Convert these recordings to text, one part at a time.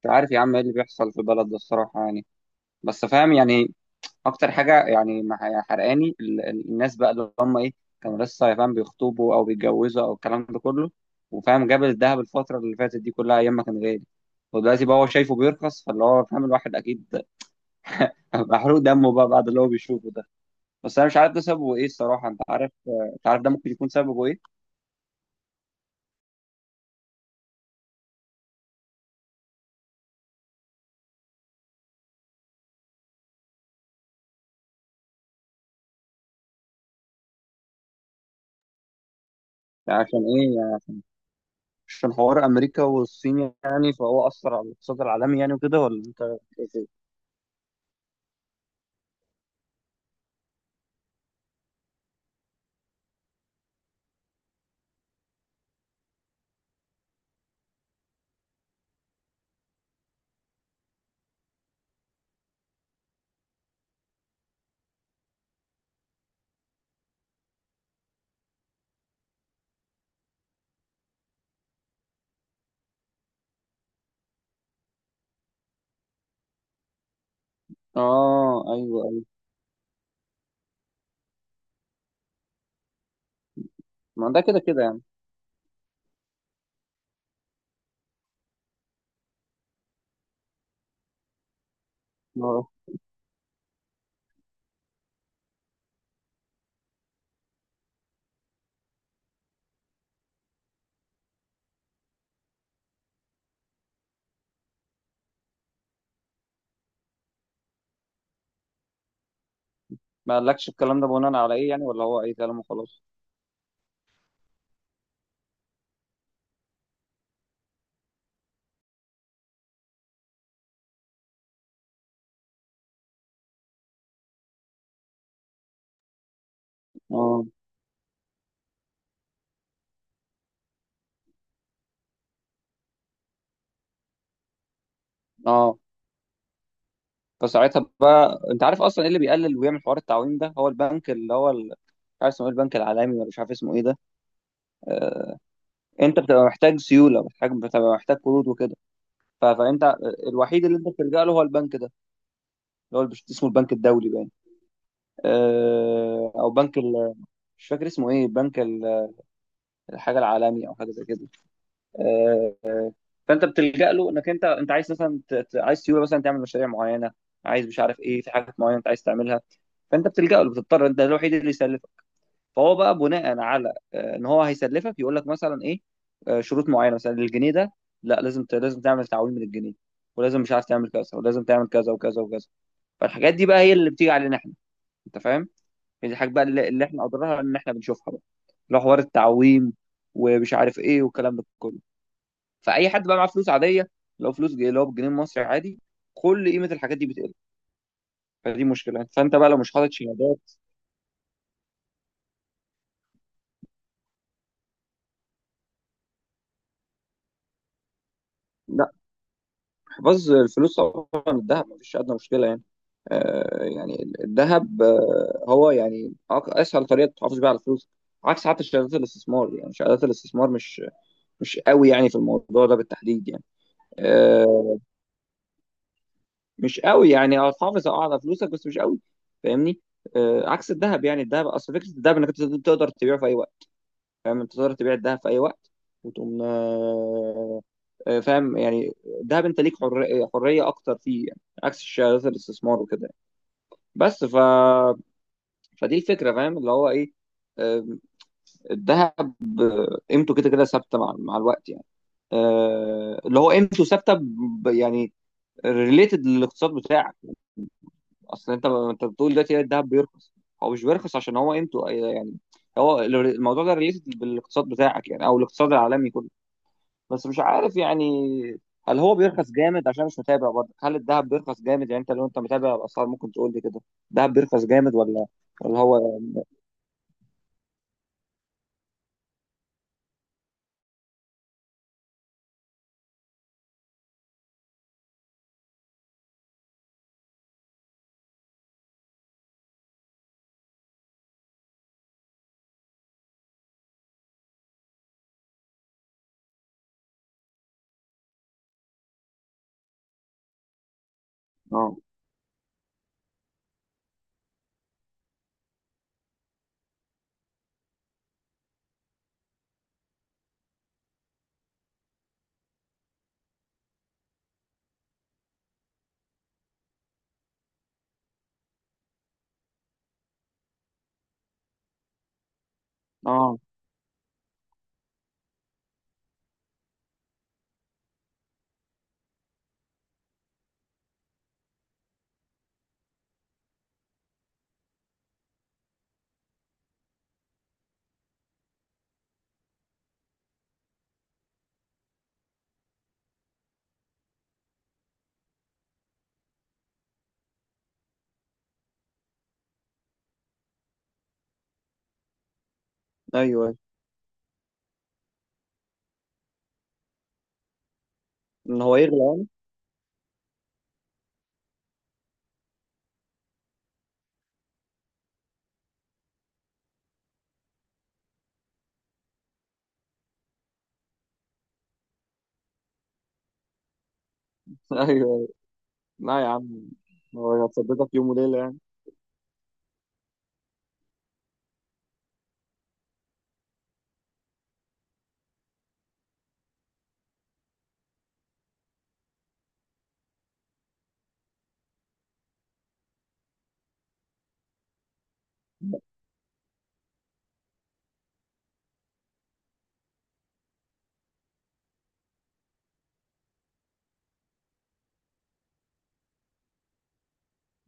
مش عارف يا عم، ايه اللي بيحصل في البلد ده الصراحة يعني. بس فاهم يعني، اكتر حاجة يعني حرقاني الناس بقى اللي هم ايه، كانوا لسه، يا فاهم، بيخطبوا او بيتجوزوا او الكلام ده كله، وفاهم جاب الذهب الفترة اللي فاتت دي كلها ايام ما كان غالي، ودلوقتي بقى هو شايفه بيرخص، فاللي هو فاهم الواحد اكيد محروق دمه بقى بعد اللي هو بيشوفه ده. بس انا مش عارف ده سببه ايه الصراحة، انت عارف؟ انت عارف ده ممكن يكون سببه ايه؟ يعني عشان ايه يعني؟ عشان حوار امريكا والصين يعني، فهو اثر على الاقتصاد العالمي يعني وكده، ولا انت؟ اه ايوه ايوه. ما ده كده كده يعني. اه. ما قالكش الكلام ده بناء على ايه يعني، ولا هو اي كلام وخلاص؟ اه اه. فساعتها بقى، انت عارف اصلا ايه اللي بيقلل ويعمل حوار التعويم ده؟ هو البنك اللي هو مش عارف اسمه ايه، البنك العالمي ولا مش عارف اسمه ايه ده. آه، انت بتبقى محتاج سيوله، بتبقى محتاج قروض وكده، فانت الوحيد اللي انت بتلجأ له هو البنك ده، اللي هو اسمه البنك الدولي باين. او بنك مش فاكر اسمه ايه، بنك الحاجه العالمي او حاجه زي كده. آه، فانت بتلجأ له، انك انت عايز مثلا عايز سيوله مثلا تعمل مشاريع معينه، عايز مش عارف ايه، في حاجات معينه انت عايز تعملها. فانت بتلجأ له، بتضطر، انت الوحيد اللي يسلفك. فهو بقى بناء على ان هو هيسلفك، يقول لك مثلا ايه، شروط معينه. مثلا الجنيه ده، لا لازم لازم تعمل تعويم من الجنيه، ولازم مش عارف تعمل كذا، ولازم تعمل كذا وكذا وكذا. فالحاجات دي بقى هي اللي بتيجي علينا احنا، انت فاهم؟ هي دي الحاجات بقى اللي احنا اضرارها ان احنا بنشوفها بقى، لو حوار التعويم ومش عارف ايه والكلام ده كله، فاي حد بقى معاه فلوس عاديه، لو فلوس اللي هو بالجنيه المصري عادي، كل قيمه الحاجات دي بتقل. فدي مشكله، فانت بقى لو مش حاطط شهادات. لا، حفظ الفلوس طبعا، الذهب مفيش ادنى مشكله يعني. آه يعني الذهب، آه هو يعني اسهل طريقه تحافظ بيها على الفلوس، عكس حتى شهادات الاستثمار يعني. شهادات الاستثمار مش قوي يعني في الموضوع ده بالتحديد يعني. آه، مش قوي يعني، اه تحافظ اه على فلوسك بس مش قوي، فاهمني؟ آه عكس الذهب يعني، الذهب، اصل فكره الذهب انك أنت تقدر تبيعه في اي وقت. فاهم؟ انت تقدر تبيع الذهب في اي وقت، وتقوم فاهم يعني. الذهب انت ليك حريه اكتر فيه يعني، عكس شهادات الاستثمار وكده يعني. بس ف فدي الفكره، فاهم اللي هو ايه، آم، الذهب قيمته كده كده ثابته مع الوقت يعني. اللي هو قيمته ثابته يعني ريليتد للاقتصاد بتاعك. اصل انت بتقول دلوقتي الذهب بيرخص، هو مش بيرخص عشان هو قيمته يعني، هو الموضوع ده ريليتد بالاقتصاد بتاعك يعني، او الاقتصاد العالمي كله. بس مش عارف يعني، هل هو بيرخص جامد؟ عشان مش متابع برضه. هل الذهب بيرخص جامد يعني؟ انت لو انت متابع الاسعار ممكن تقول لي كده، الذهب بيرخص جامد ولا؟ ولا هو اه اه. ايوه، ان هو يغلى يعني. ايوه أيوة. لا يا عم، هو هتصدقك يوم وليله يعني.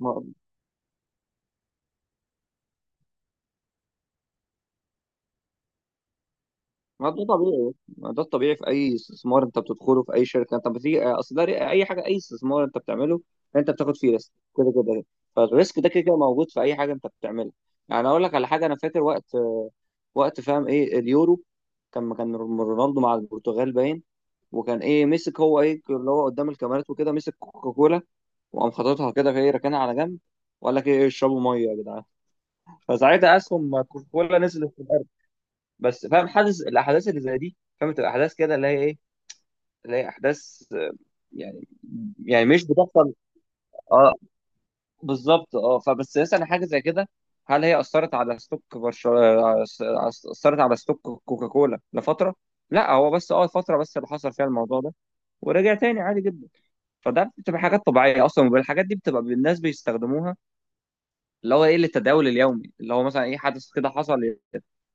ما ما ده طبيعي، ما ده الطبيعي في اي استثمار انت بتدخله، في اي شركه انت بتيجي، اصل ده اي حاجه، اي استثمار انت بتعمله انت بتاخد فيه ريسك كده كده. فالريسك ده كده كده موجود في اي حاجه انت بتعملها. يعني اقول لك على حاجه انا فاكر، وقت فاهم، ايه اليورو، كان رونالدو مع البرتغال باين، وكان ايه، مسك هو ايه اللي هو قدام الكاميرات وكده، مسك كوكاكولا، وقام حاططها كده في ايه ركنها على جنب، وقال لك ايه اشربوا ميه يا جدعان. فساعتها اسهم كوكاكولا نزلت. بس فاهم، حاسس الاحداث اللي زي دي فاهم، تبقى احداث كده اللي هي ايه، اللي هي احداث يعني، يعني مش بتحصل. اه بالظبط. اه، فبس مثلا حاجه زي كده، هل هي اثرت على ستوك برشا، اثرت على ستوك كوكاكولا لفتره؟ لا هو بس اه فتره بس اللي حصل فيها الموضوع ده، ورجع تاني عادي جدا. فده بتبقى حاجات طبيعيه اصلا، والحاجات دي بتبقى الناس بيستخدموها، اللي هو ايه، للتداول اليومي. اللي هو مثلا ايه، حدث كده حصل،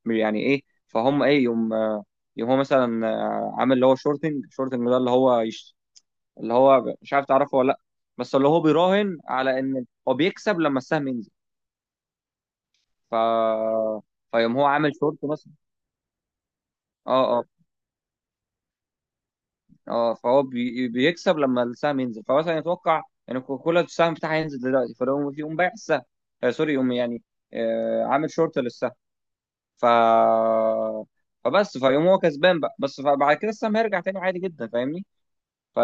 يعني ايه، فهم ايه، يوم يوم هو مثلا عامل اللي هو شورتنج. شورتنج ده اللي هو اللي هو مش عارف تعرفه ولا لا. بس اللي هو بيراهن على ان هو بيكسب لما السهم ينزل. ف فيوم هو عامل شورت مثلا. اه اه. اه، فهو بيكسب لما السهم ينزل، فمثلا يتوقع ان كوكولا السهم بتاعها ينزل دلوقتي، فيقوم، بايع السهم، آه سوري، يقوم يعني عامل شورت للسهم. ف فبس فيقوم هو كسبان بقى، بس فبعد كده السهم هيرجع تاني عادي جدا، فاهمني؟ ف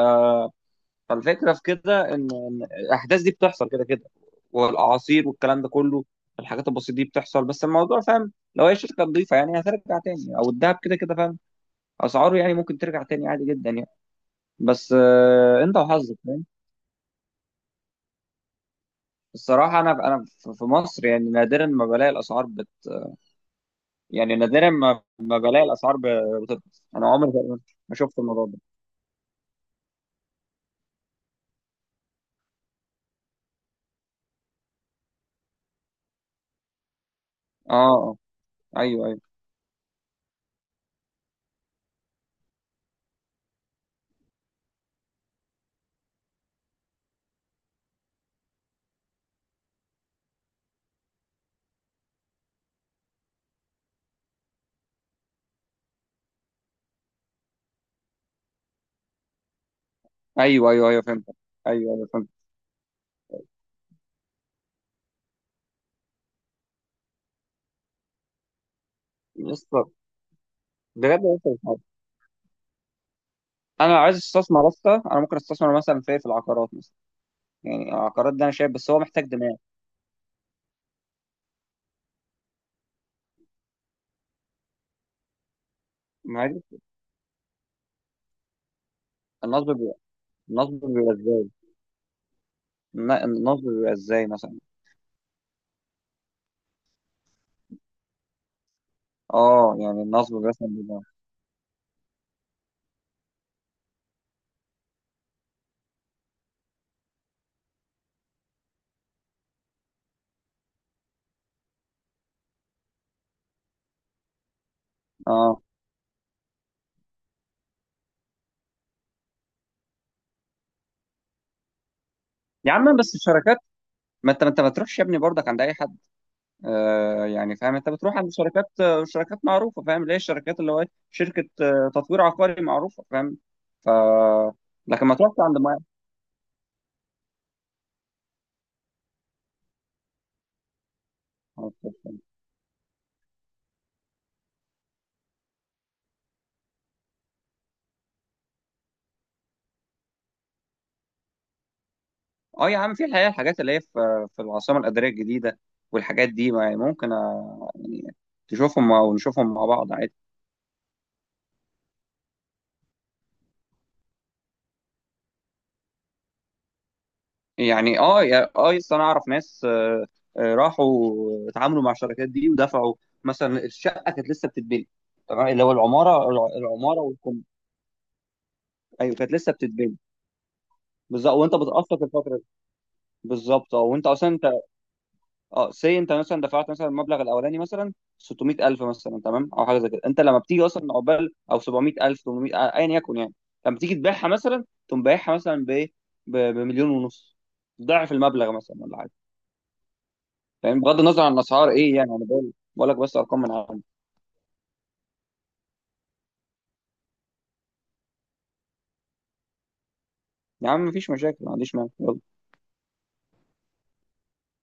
فالفكره في كده ان الاحداث دي بتحصل كده كده، والاعاصير والكلام ده كله، الحاجات البسيطه دي بتحصل. بس الموضوع فاهم لو هي شركه نظيفه يعني هترجع تاني، او الذهب كده كده فاهم اسعاره يعني ممكن ترجع تاني عادي جدا يعني. بس انت وحظك فاهم. الصراحه انا في في مصر يعني نادرا ما بلاقي الاسعار يعني نادرا ما بلاقي الاسعار بترخص. انا عمري تقريباً ما شفت الموضوع ده. اه اه. ايوه ايوه ايوه. ايوه ايوه فهمت. ايوه ايوه فهمت. يسطا، بجد. يسطا، انا عايز استثمر اصلا، انا ممكن استثمر مثلا في إيه؟ في العقارات مثلا. يعني العقارات ده انا شايف بس هو محتاج دماغ. معاك. النصب بيبقى، النصب بيبقى ازاي؟ النصب بيبقى ازاي مثلا؟ اه يعني النصب مثلا بيبقى. اه يا عم بس الشركات، ما انت ما تروحش يا ابني برضك عند اي حد. آه يعني فاهم، انت بتروح عند شركات، شركات معروفه، فاهم؟ ليه الشركات اللي هو إيه؟ شركه تطوير عقاري معروفه، فاهم؟ ف لكن ما تروحش عند. ما، اه يا عم في الحقيقه الحاجات اللي هي في في العاصمه الاداريه الجديده والحاجات دي يعني ممكن يعني تشوفهم او نشوفهم مع بعض عادي. يعني اه اه لسه انا اعرف ناس راحوا اتعاملوا مع الشركات دي ودفعوا، مثلا الشقه كانت لسه بتتبني. تمام، اللي هو العماره العماره والكم. ايوه، كانت لسه بتتبني. بالظبط، وانت بتقسط الفتره دي. بالظبط، اه وانت اصلا. اه سي، انت مثلا دفعت مثلا المبلغ الاولاني مثلا 600000، مثلا تمام او حاجه زي كده. انت لما بتيجي اصلا عقبال او 700000، 800، ايا يكن يعني. لما تيجي تبيعها مثلا، تقوم بايعها مثلا بايه، بمليون ونص، ضعف المبلغ مثلا ولا حاجه. فاهم بغض النظر عن الاسعار ايه يعني، انا بقول لك بس ارقام من عندي. يا عم مفيش مشاكل، ما عنديش مانع، يلا.